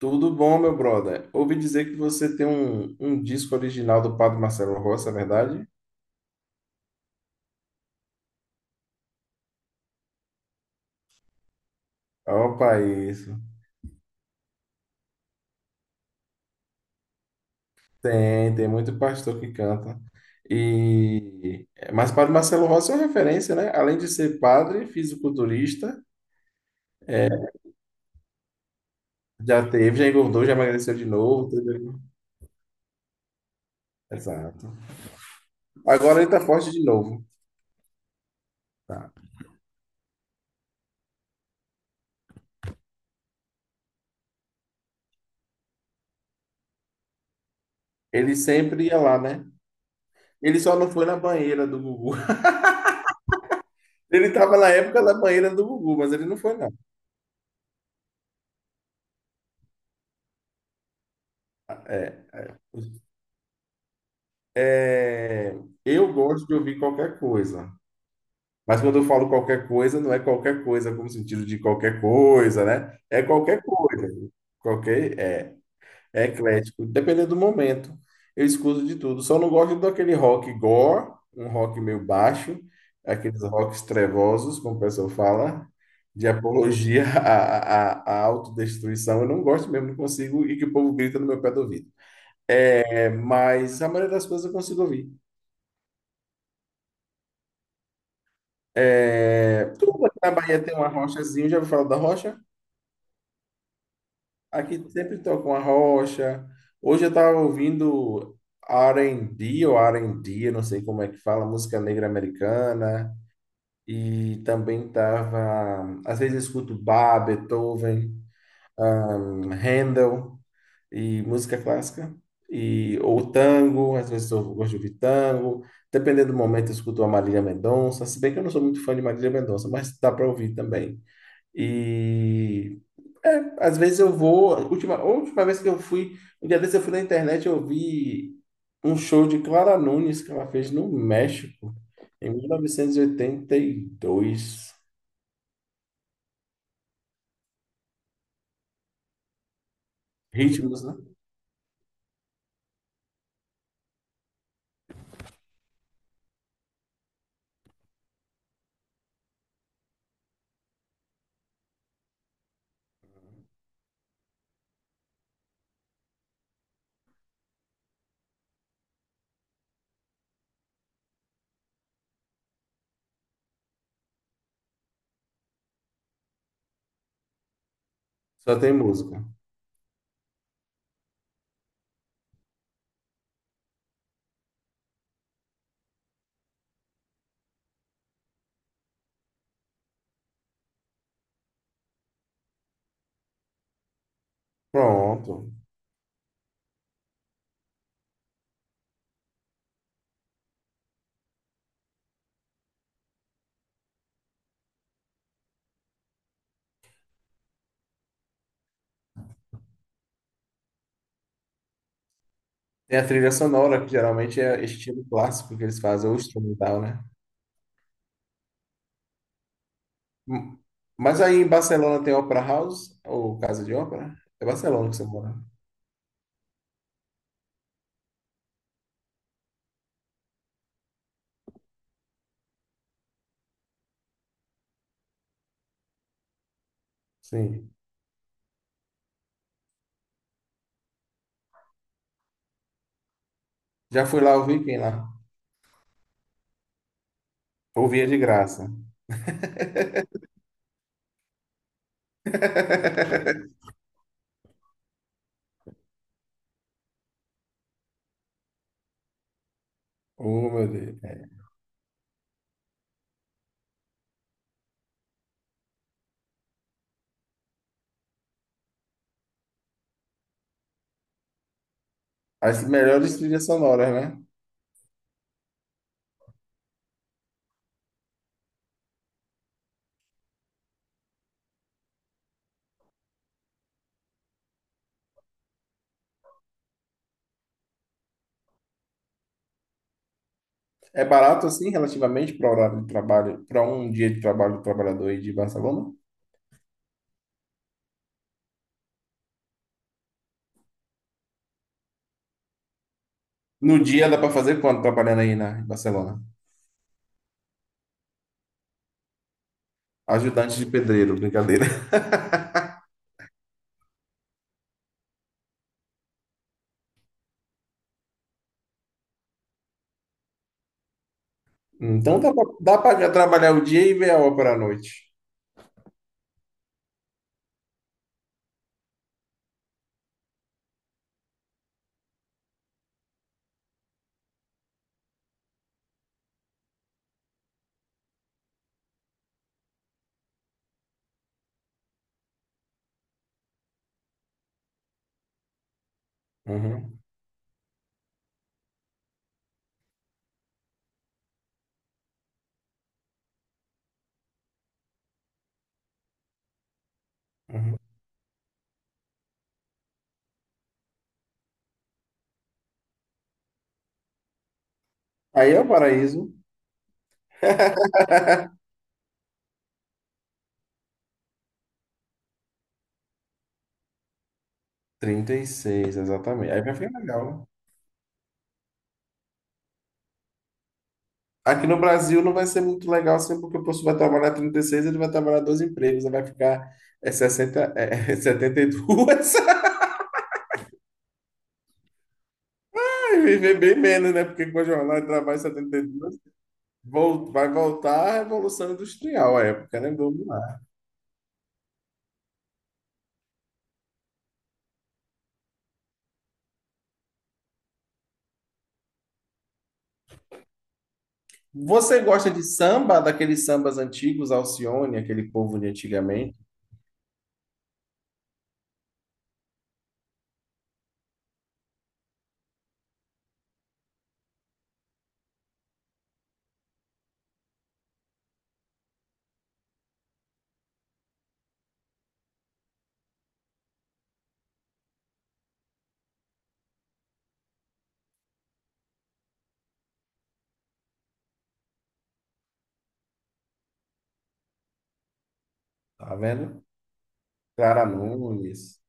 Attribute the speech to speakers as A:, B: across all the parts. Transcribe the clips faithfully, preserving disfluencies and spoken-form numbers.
A: Tudo bom, meu brother? Ouvi dizer que você tem um, um disco original do Padre Marcelo Rossi, é verdade? Opa, isso. Tem, tem muito pastor que canta. E mas Padre Marcelo Rossi é uma referência, né? Além de ser padre, fisiculturista, já teve, já engordou, já emagreceu de novo, entendeu? Exato. Agora ele tá forte de novo. Tá. Ele sempre ia lá, né? Ele só não foi na banheira do Gugu. Ele tava na época da banheira do Gugu, mas ele não foi, não. É. É. É, eu gosto de ouvir qualquer coisa. Mas quando eu falo qualquer coisa, não é qualquer coisa como sentido de qualquer coisa, né? É qualquer coisa. Qualquer, é, é eclético, dependendo do momento. Eu escuto de tudo. Só não gosto daquele rock gore, um rock meio baixo, aqueles rocks trevosos, como o pessoal fala, de apologia à, à, à autodestruição. Eu não gosto mesmo, não consigo, e que o povo grita no meu pé do ouvido. É, mas a maioria das coisas eu consigo ouvir. É, tudo aqui na Bahia tem uma rochazinha, já ouviu falar da rocha? Aqui sempre toca uma rocha. Hoje eu estava ouvindo R B ou R D, eu não sei como é que fala, música negra americana. E também tava, às vezes eu escuto Bach, Beethoven, ahn, Handel e música clássica. E, ou tango, às vezes eu gosto de ouvir tango. Dependendo do momento, eu escuto a Marília Mendonça. Se bem que eu não sou muito fã de Marília Mendonça, mas dá para ouvir também. E é, às vezes eu vou. a Última, a última vez que eu fui, um dia desse eu fui na internet, eu vi um show de Clara Nunes que ela fez no México em mil novecentos e oitenta e dois. Ritmos, né? Só tem música. Pronto. Tem a trilha sonora, que geralmente é estilo clássico que eles fazem, ou instrumental, né? Hum. Mas aí em Barcelona tem Opera House, ou Casa de Ópera? É Barcelona que você mora. Sim. Já fui lá, ouvir quem lá? Ouvia de graça. Oh, meu Deus. As melhores trilhas sonoras, né? É barato assim, relativamente, para horário de trabalho, para um dia de trabalho do trabalhador aí de Barcelona? No dia dá para fazer quanto trabalhando aí na em Barcelona? Ajudante de pedreiro, brincadeira. Então dá para trabalhar o dia e ver a ópera à noite. Uhum, uhum. Aí é o paraíso. trinta e seis, exatamente. Aí vai ficar legal, né? Aqui no Brasil não vai ser muito legal assim, porque o professor vai trabalhar trinta e seis, ele vai trabalhar dois empregos, aí vai ficar é, sessenta, é, setenta e dois. Vai viver bem menos, né? Porque com a jornada de trabalho setenta e duas, vol- vai voltar a Revolução Industrial, a época, né? Do mar. Você gosta de samba, daqueles sambas antigos, Alcione, aquele povo de antigamente, tá vendo? Clara Nunes.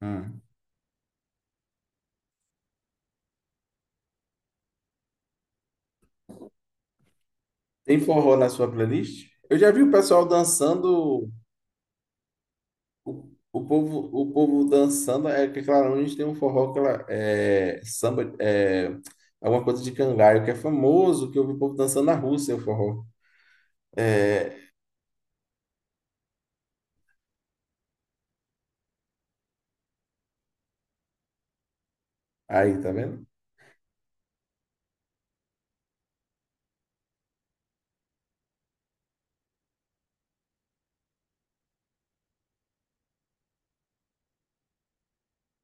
A: Hum. Tem forró na sua playlist? Eu já vi o pessoal dançando, o, o povo, o povo dançando, é que Clara Nunes tem um forró que ela é samba, é alguma coisa de cangaio, que é famoso, que eu vi o povo dançando na Rússia, o forró. Aí, tá vendo?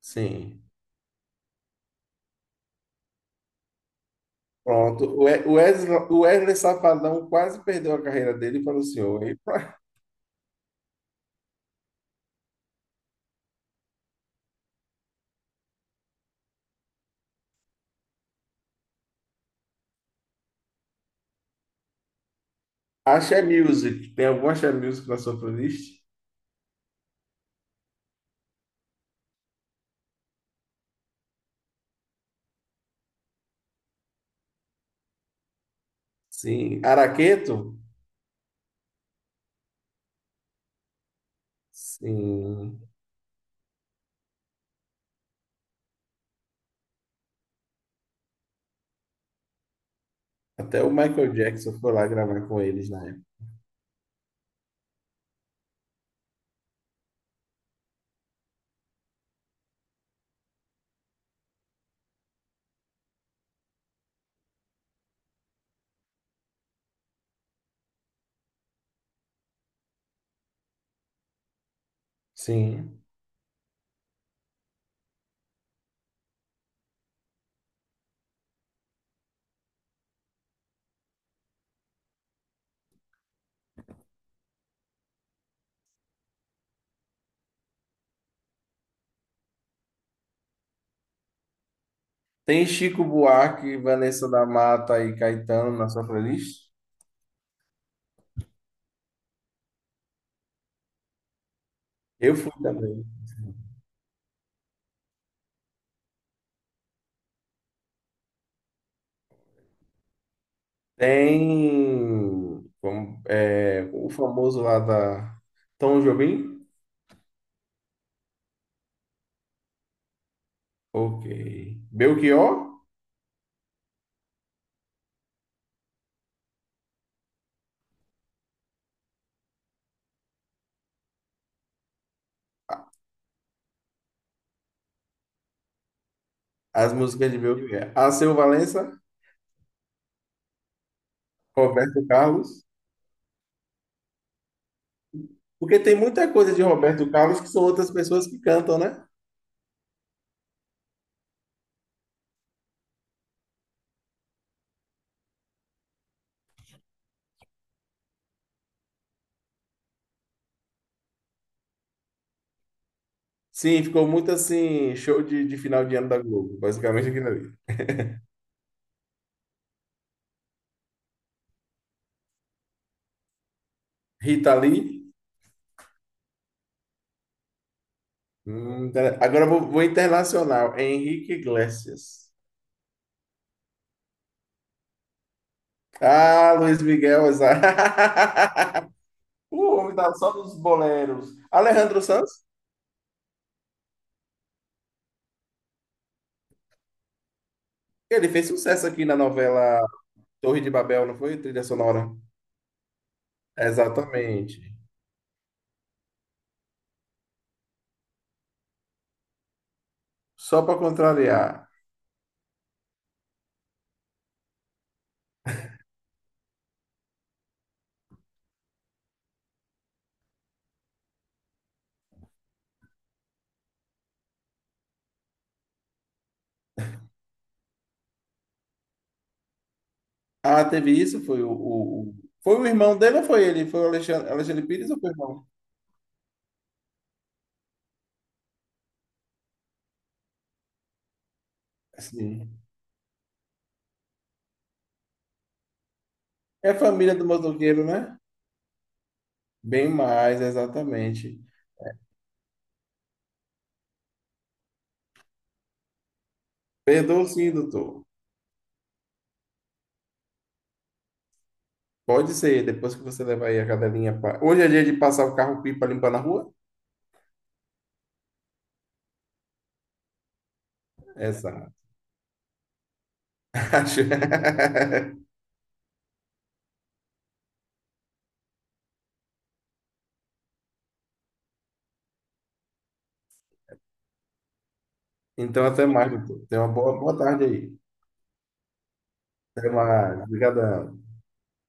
A: Sim. Pronto. O We- o Wesley, o Wesley Safadão quase perdeu a carreira dele para o senhor, hein? Axé Music. Tem algum Axé Music na sua playlist? Sim. Araqueto? Sim. Até o Michael Jackson foi lá gravar com eles na época. Sim. Tem Chico Buarque, Vanessa da Mata e Caetano na sua playlist? Eu fui também. Tem como, é, o famoso lá da Tom Jobim? Ok. Belchior? As músicas de Belchior. Alceu Valença, Roberto Carlos. Porque tem muita coisa de Roberto Carlos que são outras pessoas que cantam, né? Sim, ficou muito assim, show de, de final de ano da Globo, basicamente aquilo ali. Rita Lee. Hum, inter- agora eu vou, vou internacional. Henrique Iglesias. Ah, Luiz Miguel, exato. O homem tá só nos boleros. Alejandro Sanz, ele fez sucesso aqui na novela Torre de Babel, não foi? Trilha sonora. Exatamente. Só para contrariar. Ah, teve isso? Foi o, o, o- foi o irmão dele ou foi ele? Foi o Alexandre, Alexandre Pires ou foi o irmão? Sim. É a família do motoqueiro, né? Bem mais, exatamente. Perdoa sim, doutor. Pode ser, depois que você levar aí a cadelinha. pra- Hoje é dia de passar o carro-pipa limpar na rua? Exato. Então, até mais, doutor. Tenha uma boa, boa tarde aí. Até mais. Obrigadão.